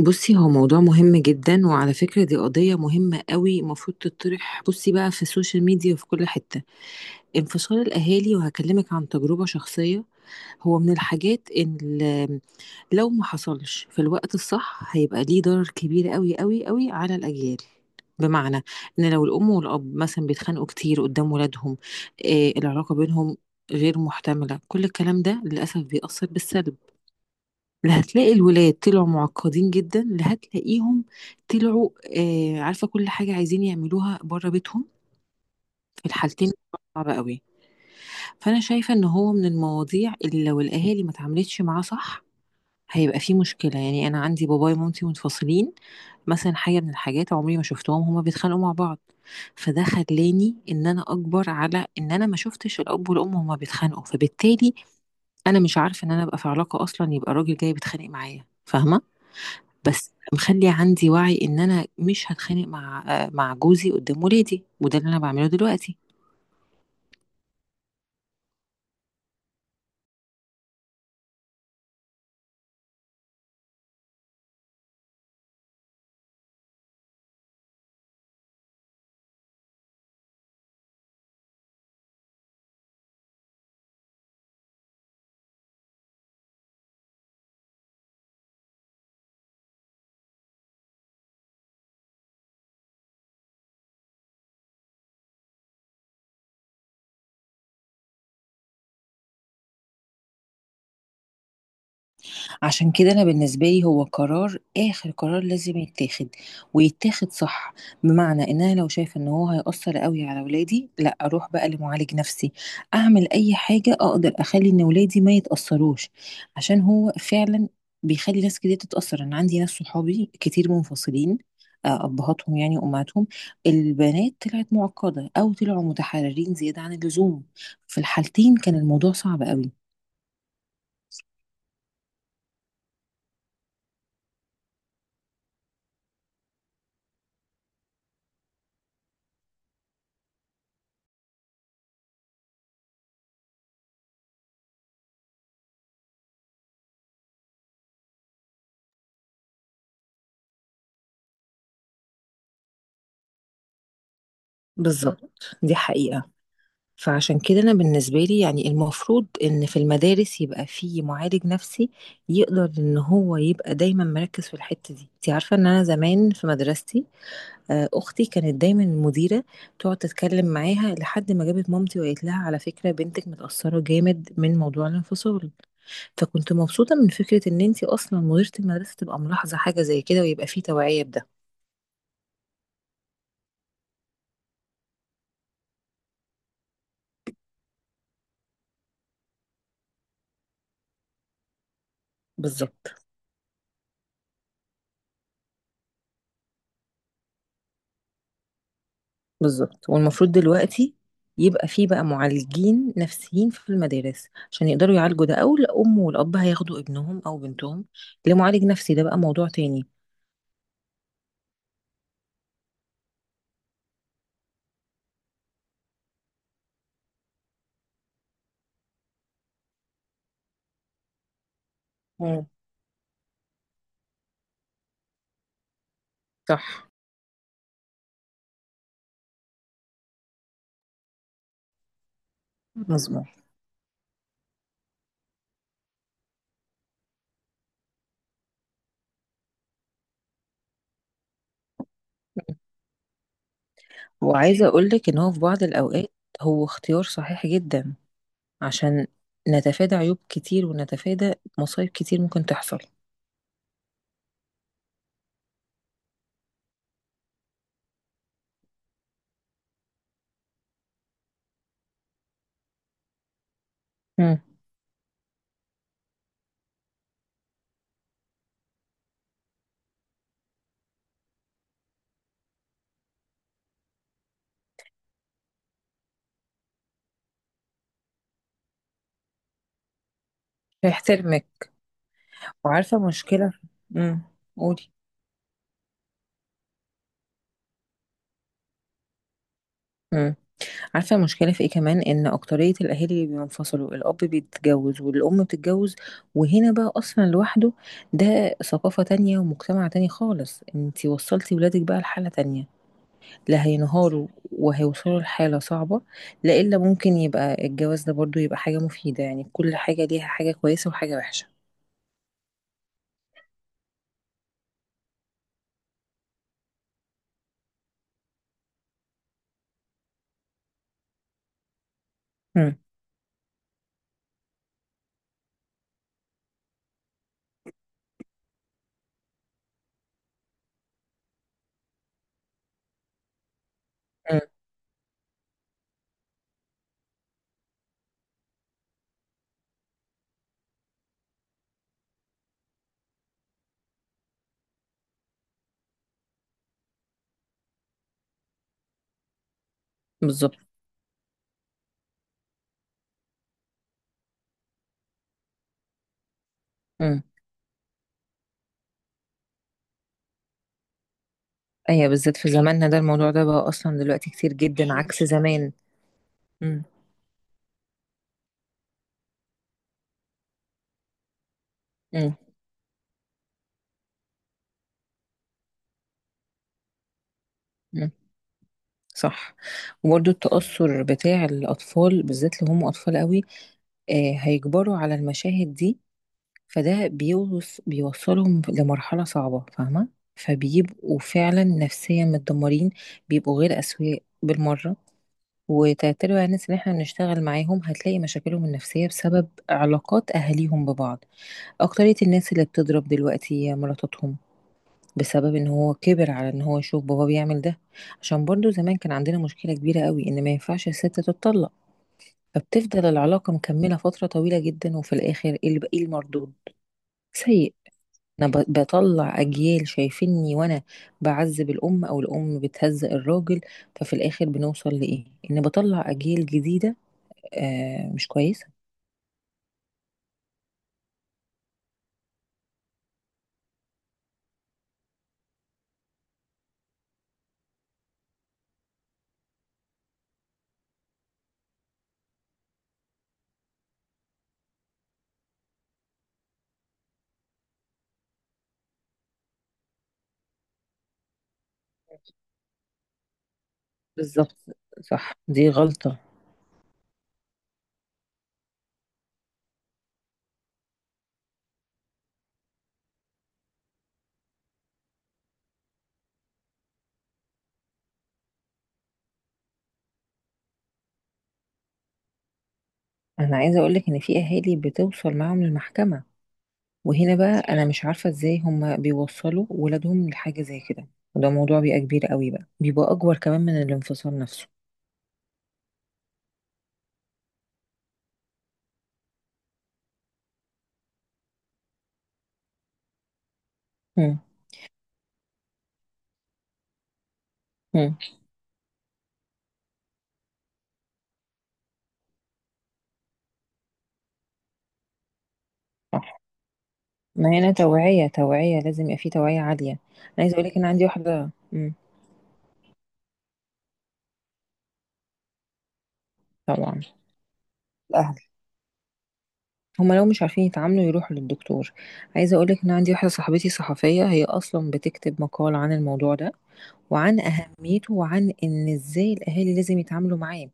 بُصّي، هو موضوع مهم جدًا، وعلى فكرة دي قضية مهمة أوي المفروض تطرح بُصّي بقى في السوشيال ميديا وفي كل حتة. انفصال الأهالي وهاكلمِك عن تجربة شخصية، هو من الحاجات لو ما حصلش في الوقت الصح هيبقى ليه ضرر كبير أوي، أوي، أوي على الأجيال. بمعنى إن لو الأم والأب مثلًا بيتخانقوا كتير قدّام ولادهم، العلاقة بينهم غير مُحتملة، كل الكلام ده للأسف بيأثّر بالسلب. لا هتلاقي الولاد طلعوا معقدين جدا، لا هتلاقيهم طلعوا عارفه كل حاجه عايزين يعملوها بره بيتهم. في الحالتين صعبه قوي. فانا شايفه ان هو من المواضيع اللي لو الاهالي ما اتعاملتش معاه صح هيبقى فيه مشكله. يعني انا عندي بابايا ومامتي منفصلين، مثلا حاجه من الحاجات عمري ما شفتهم هما بيتخانقوا مع بعض، فده خلاني ان انا اكبر على ان انا ما شفتش الاب والام هما بيتخانقوا، فبالتالي انا مش عارفه ان انا ابقى في علاقه اصلا يبقى راجل جاي بيتخانق معايا، فاهمه؟ بس مخلي عندي وعي ان انا مش هتخانق مع جوزي قدام ولادي، وده اللي انا بعمله دلوقتي. عشان كده انا بالنسبه لي هو قرار اخر قرار لازم يتاخد، ويتاخد صح. بمعنى ان انا لو شايفه ان هو هيأثر قوي على ولادي، لا اروح بقى لمعالج نفسي، اعمل اي حاجه اقدر اخلي ان ولادي ما يتأثروش، عشان هو فعلا بيخلي ناس كتير تتأثر. انا عندي ناس صحابي كتير منفصلين ابهاتهم يعني وامهاتهم، البنات طلعت معقده او طلعوا متحررين زياده عن اللزوم. في الحالتين كان الموضوع صعب قوي. بالظبط، دي حقيقة. فعشان كده أنا بالنسبة لي يعني المفروض إن في المدارس يبقى في معالج نفسي يقدر إن هو يبقى دايما مركز في الحتة دي. أنت عارفة إن أنا زمان في مدرستي أختي كانت دايما المديرة تقعد تتكلم معاها لحد ما جابت مامتي وقالت لها على فكرة بنتك متأثرة جامد من موضوع الانفصال. فكنت مبسوطة من فكرة إن أنت أصلا مديرة المدرسة تبقى ملاحظة حاجة زي كده ويبقى في توعية بده. بالظبط. بالظبط، والمفروض دلوقتي يبقى فيه بقى معالجين نفسيين في المدارس عشان يقدروا يعالجوا ده، او الام والاب هياخدوا ابنهم او بنتهم لمعالج نفسي، ده بقى موضوع تاني. مم. صح. مظبوط. مم. وعايزة أقولك إن هو في بعض الأوقات هو اختيار صحيح جدا، عشان نتفادى عيوب كتير ونتفادى مصايب كتير ممكن تحصل. مم. فيحترمك. وعارفة مشكلة. مم. قولي. مم. عارفة المشكلة في ايه كمان؟ ان اكترية الاهالي بينفصلوا، الاب بيتجوز والام بتتجوز، وهنا بقى اصلا لوحده ده ثقافة تانية ومجتمع تاني خالص. انتي وصلتي ولادك بقى لحالة تانية، لا هينهاروا وهيوصلوا لحالة صعبة. لا الا ممكن يبقى الجواز ده برضو يبقى حاجة مفيدة، يعني كل حاجة ليها حاجة كويسة وحاجة وحشة. مم. مم. بالظبط. مم. ايوه، بالذات في زماننا ده الموضوع ده بقى اصلا دلوقتي كتير جدا عكس زمان. مم. مم. مم. صح. وبرضه التأثر بتاع الأطفال بالذات لو هم أطفال قوي هيكبروا على المشاهد دي، فده بيوصلهم لمرحلة صعبة، فاهمة؟ فبيبقوا فعلا نفسيا متدمرين، بيبقوا غير أسوياء بالمرة. وتعتبر على الناس اللي احنا بنشتغل معاهم هتلاقي مشاكلهم النفسية بسبب علاقات أهاليهم ببعض. أكترية الناس اللي بتضرب دلوقتي مراتاتهم بسبب إن هو كِبِر على إن هو يشوف باباه بيعمل ده، عشان برضه زمان كان عندنا مشكلة كبيرة أوي إن ما ينفعش السِت تتطلّق، فبتفضل العلاقة مكمّلة فترة طويلة جدًا، وفي الآخر إيه الب إيه المردود؟ سيء. أنا باطلّع أجيال شايفينّي وأنا باعذّب الأم أو الأم بتهزّق الراجل، ففي الآخر بنوصل لإيه؟ إن باطلّع أجيال جديدة مش كويسة. بالضبط، صح، دي غلطة. أنا عايزة أقول لك إن في أهالي بتوصل معاهم للمحكمة. وهنا بقى انا مش عارفه ازاي هم بيوصلوا ولادهم لحاجه زي كده، وده موضوع بيبقى كبير قوي بقى، بيبقى اكبر كمان من الانفصال نفسه. مم. مم. صح. ما هنا توعيه لازم يبقى في توعيه عاليه. انا عايزه اقول لك ان عندي واحده. مم. طبعا. الاهل هم لو مش عارفين يتعاملوا يروحوا للدكتور. عايزه اقول لك ان عندي واحده صاحبتي صحفيه هي اصلا بتكتب مقال عن الموضوع ده، وعن اهميته، وعن ان ازاي الاهالي لازم يتعاملوا معاه،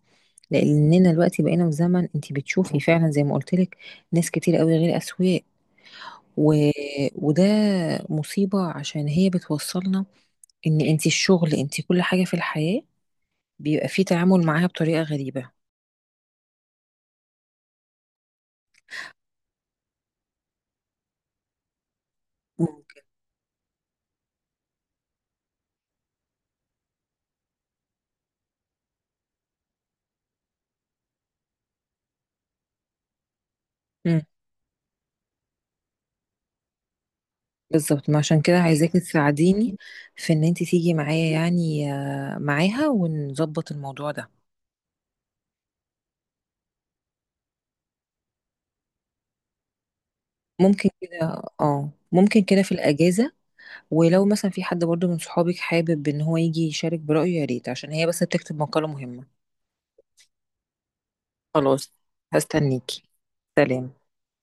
لاننا دلوقتي بقينا في زمن انت بتشوفي فعلا زي ما قلت لك ناس كتير قوي غير اسوياء. و... وده مصيبة، عشان هي بتوصلنا ان انت الشغل انت كل حاجة في الحياة بيبقى فيه تعامل معاها بطريقة غريبة. مم. امم بالظبط، ما عشان كده عايزاكي تساعديني في ان انت تيجي معايا، يعني معاها ونظبط الموضوع ده. ممكن كده في الاجازه. ولو مثلا في حد برضو من صحابك حابب ان هو يجي يشارك برايه يا ريت، عشان هي بس بتكتب مقاله مهمه. خلاص، هستنيكي. سلام.